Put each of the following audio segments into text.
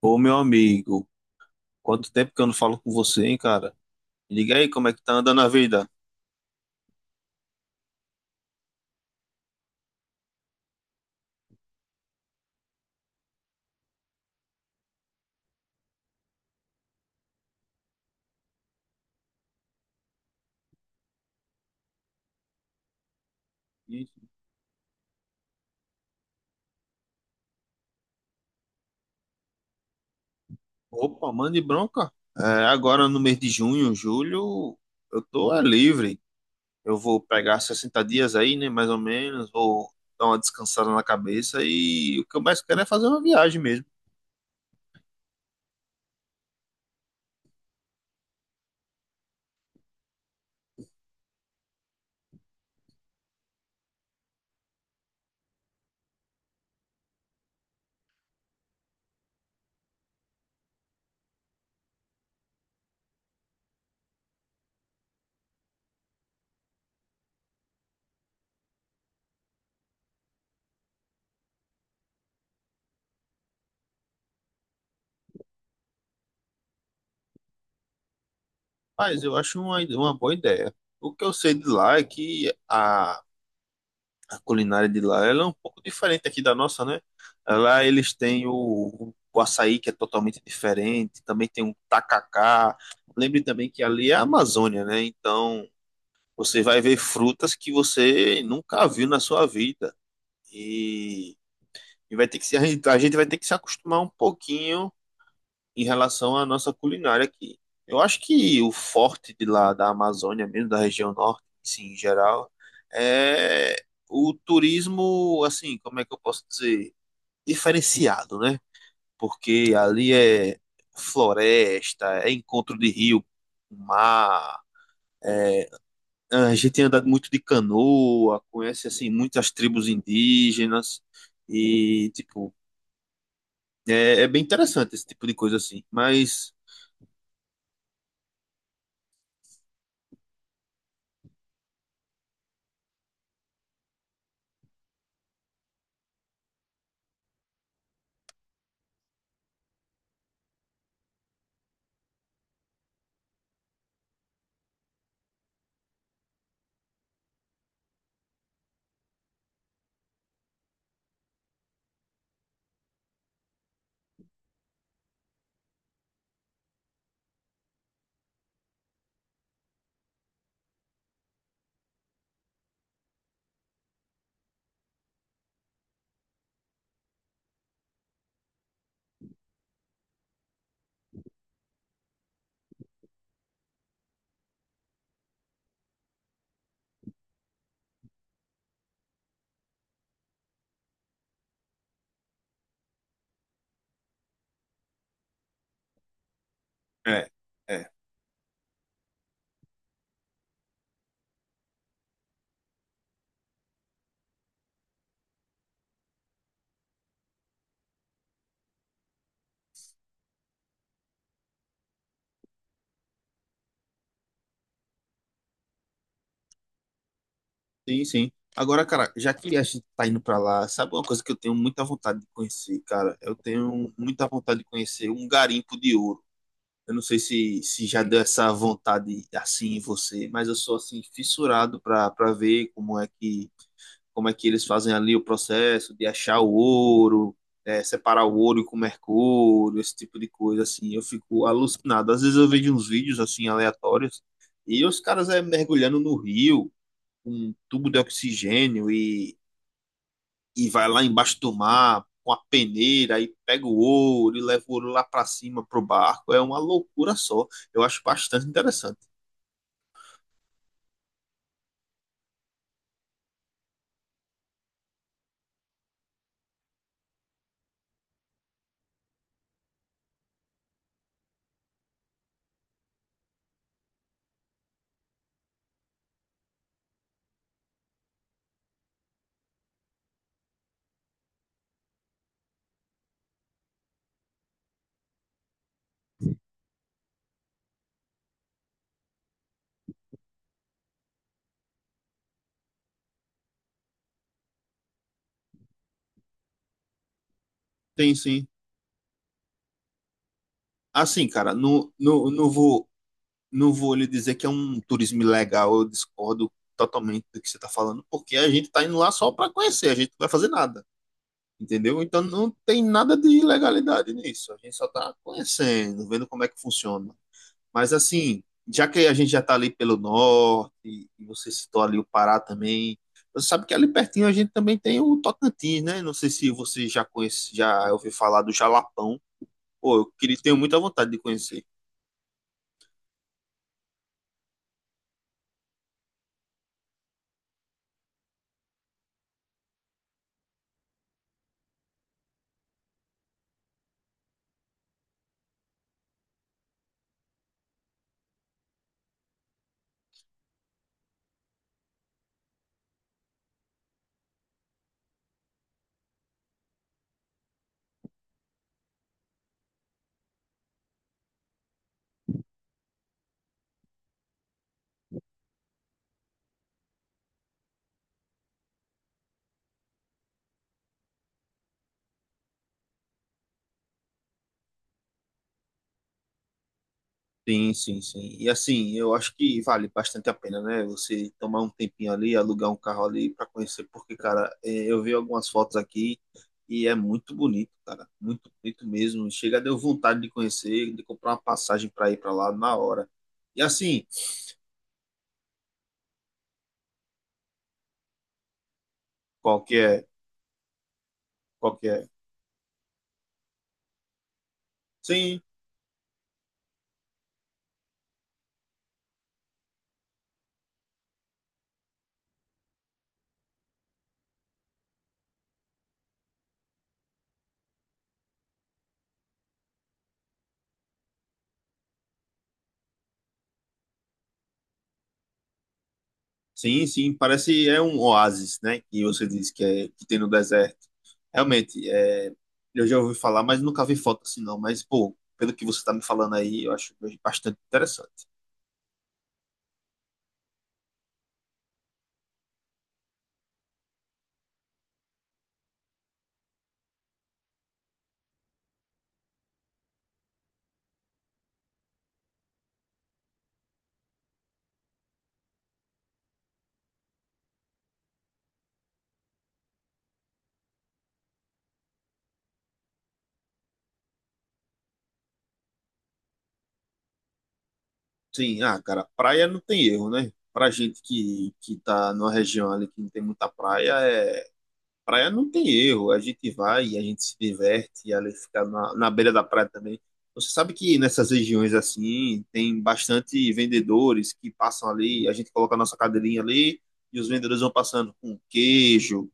Ô, meu amigo, quanto tempo que eu não falo com você, hein, cara? Me diga aí, como é que tá andando a vida? Ih, opa, mande bronca. Agora no mês de junho, julho, eu tô livre. Eu vou pegar 60 dias aí, né? Mais ou menos. Vou dar uma descansada na cabeça. E o que eu mais quero é fazer uma viagem mesmo. Mas eu acho uma boa ideia. O que eu sei de lá é que a culinária de lá ela é um pouco diferente aqui da nossa, né? Lá eles têm o açaí, que é totalmente diferente. Também tem um tacacá. Lembre também que ali é a Amazônia, né? Então você vai ver frutas que você nunca viu na sua vida. E E vai ter que se, a gente vai ter que se acostumar um pouquinho em relação à nossa culinária aqui. Eu acho que o forte de lá da Amazônia, mesmo da região norte, assim, em geral, é o turismo, assim, como é que eu posso dizer? Diferenciado, né? Porque ali é floresta, é encontro de rio, mar. A gente tem andado muito de canoa, conhece, assim, muitas tribos indígenas. E, tipo, é, é bem interessante esse tipo de coisa assim. Mas, é, é. Sim, sim. Agora, cara, já que a gente tá indo pra lá, sabe uma coisa que eu tenho muita vontade de conhecer, cara? Eu tenho muita vontade de conhecer um garimpo de ouro. Eu não sei se já deu essa vontade assim em você, mas eu sou assim fissurado pra ver como é que eles fazem ali o processo de achar o ouro, é, separar o ouro com o mercúrio, esse tipo de coisa, assim, eu fico alucinado. Às vezes eu vejo uns vídeos, assim, aleatórios, e os caras é, mergulhando no rio, com um tubo de oxigênio, e vai lá embaixo do mar, com a peneira, e pega o ouro, e leva o ouro lá para cima, pro barco, é uma loucura só. Eu acho bastante interessante. Tem sim. Assim, cara, não vou não vou lhe dizer que é um turismo ilegal, eu discordo totalmente do que você está falando, porque a gente está indo lá só para conhecer, a gente não vai fazer nada, entendeu? Então não tem nada de ilegalidade nisso, a gente só está conhecendo, vendo como é que funciona. Mas assim, já que a gente já está ali pelo norte, e você citou ali o Pará também, você sabe que ali pertinho a gente também tem o Tocantins, né? Não sei se você já conhece, já ouviu falar do Jalapão. Pô, eu queria, tenho muita vontade de conhecer. Sim, sim, sim. E assim, eu acho que vale bastante a pena, né? Você tomar um tempinho ali, alugar um carro ali para conhecer, porque, cara, é, eu vi algumas fotos aqui e é muito bonito, cara. Muito bonito mesmo. Chega, deu vontade de conhecer, de comprar uma passagem para ir para lá na hora. E assim, qual que é? Qual que é? Sim. Sim, sim, parece é um oásis, né? Que você disse que, é, que tem no deserto. Realmente, é, eu já ouvi falar, mas nunca vi foto assim não. Mas, pô, pelo que você tá me falando aí, eu acho bastante interessante. Sim, ah, cara, praia não tem erro, né? Pra gente que tá numa região ali que não tem muita praia, é, praia não tem erro, a gente vai e a gente se diverte, e ali fica na beira da praia também. Você sabe que nessas regiões assim, tem bastante vendedores que passam ali, a gente coloca a nossa cadeirinha ali e os vendedores vão passando com queijo,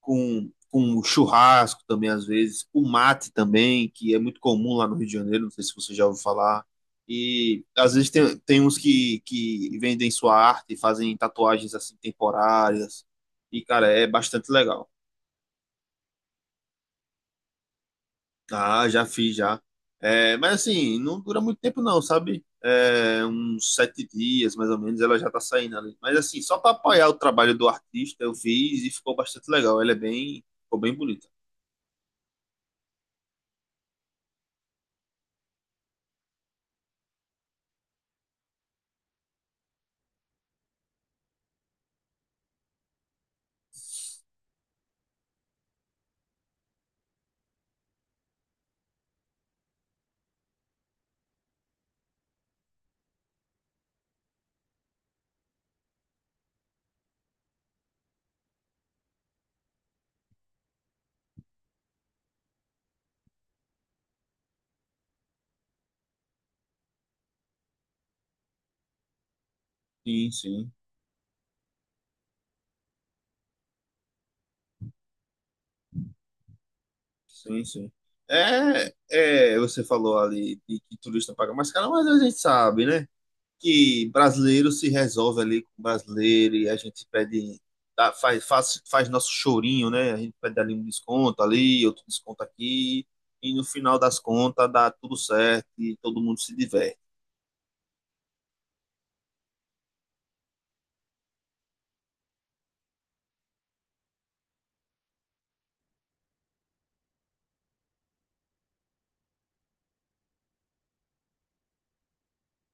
com churrasco também às vezes, com mate também, que é muito comum lá no Rio de Janeiro, não sei se você já ouviu falar. E às vezes tem uns que vendem sua arte, fazem tatuagens assim temporárias, e cara, é bastante legal. Ah, já fiz já. É, mas assim, não dura muito tempo não, sabe? É, uns 7 dias, mais ou menos, ela já tá saindo ali. Mas assim, só para apoiar o trabalho do artista, eu fiz e ficou bastante legal. Ela é bem, ficou bem bonita. Sim, sim, sim, sim. É, é, você falou ali de que turista paga mais caro, mas a gente sabe, né? Que brasileiro se resolve ali com brasileiro e a gente pede, dá- faz nosso chorinho, né? A gente pede ali um desconto ali, outro desconto aqui, e no final das contas dá tudo certo e todo mundo se diverte.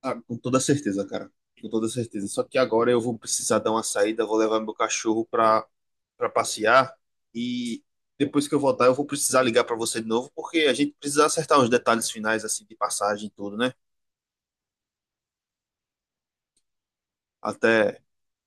Ah, com toda certeza, cara. Com toda certeza. Só que agora eu vou precisar dar uma saída, vou levar meu cachorro pra, pra passear e depois que eu voltar eu vou precisar ligar pra você de novo, porque a gente precisa acertar os detalhes finais assim de passagem e tudo, né? Até.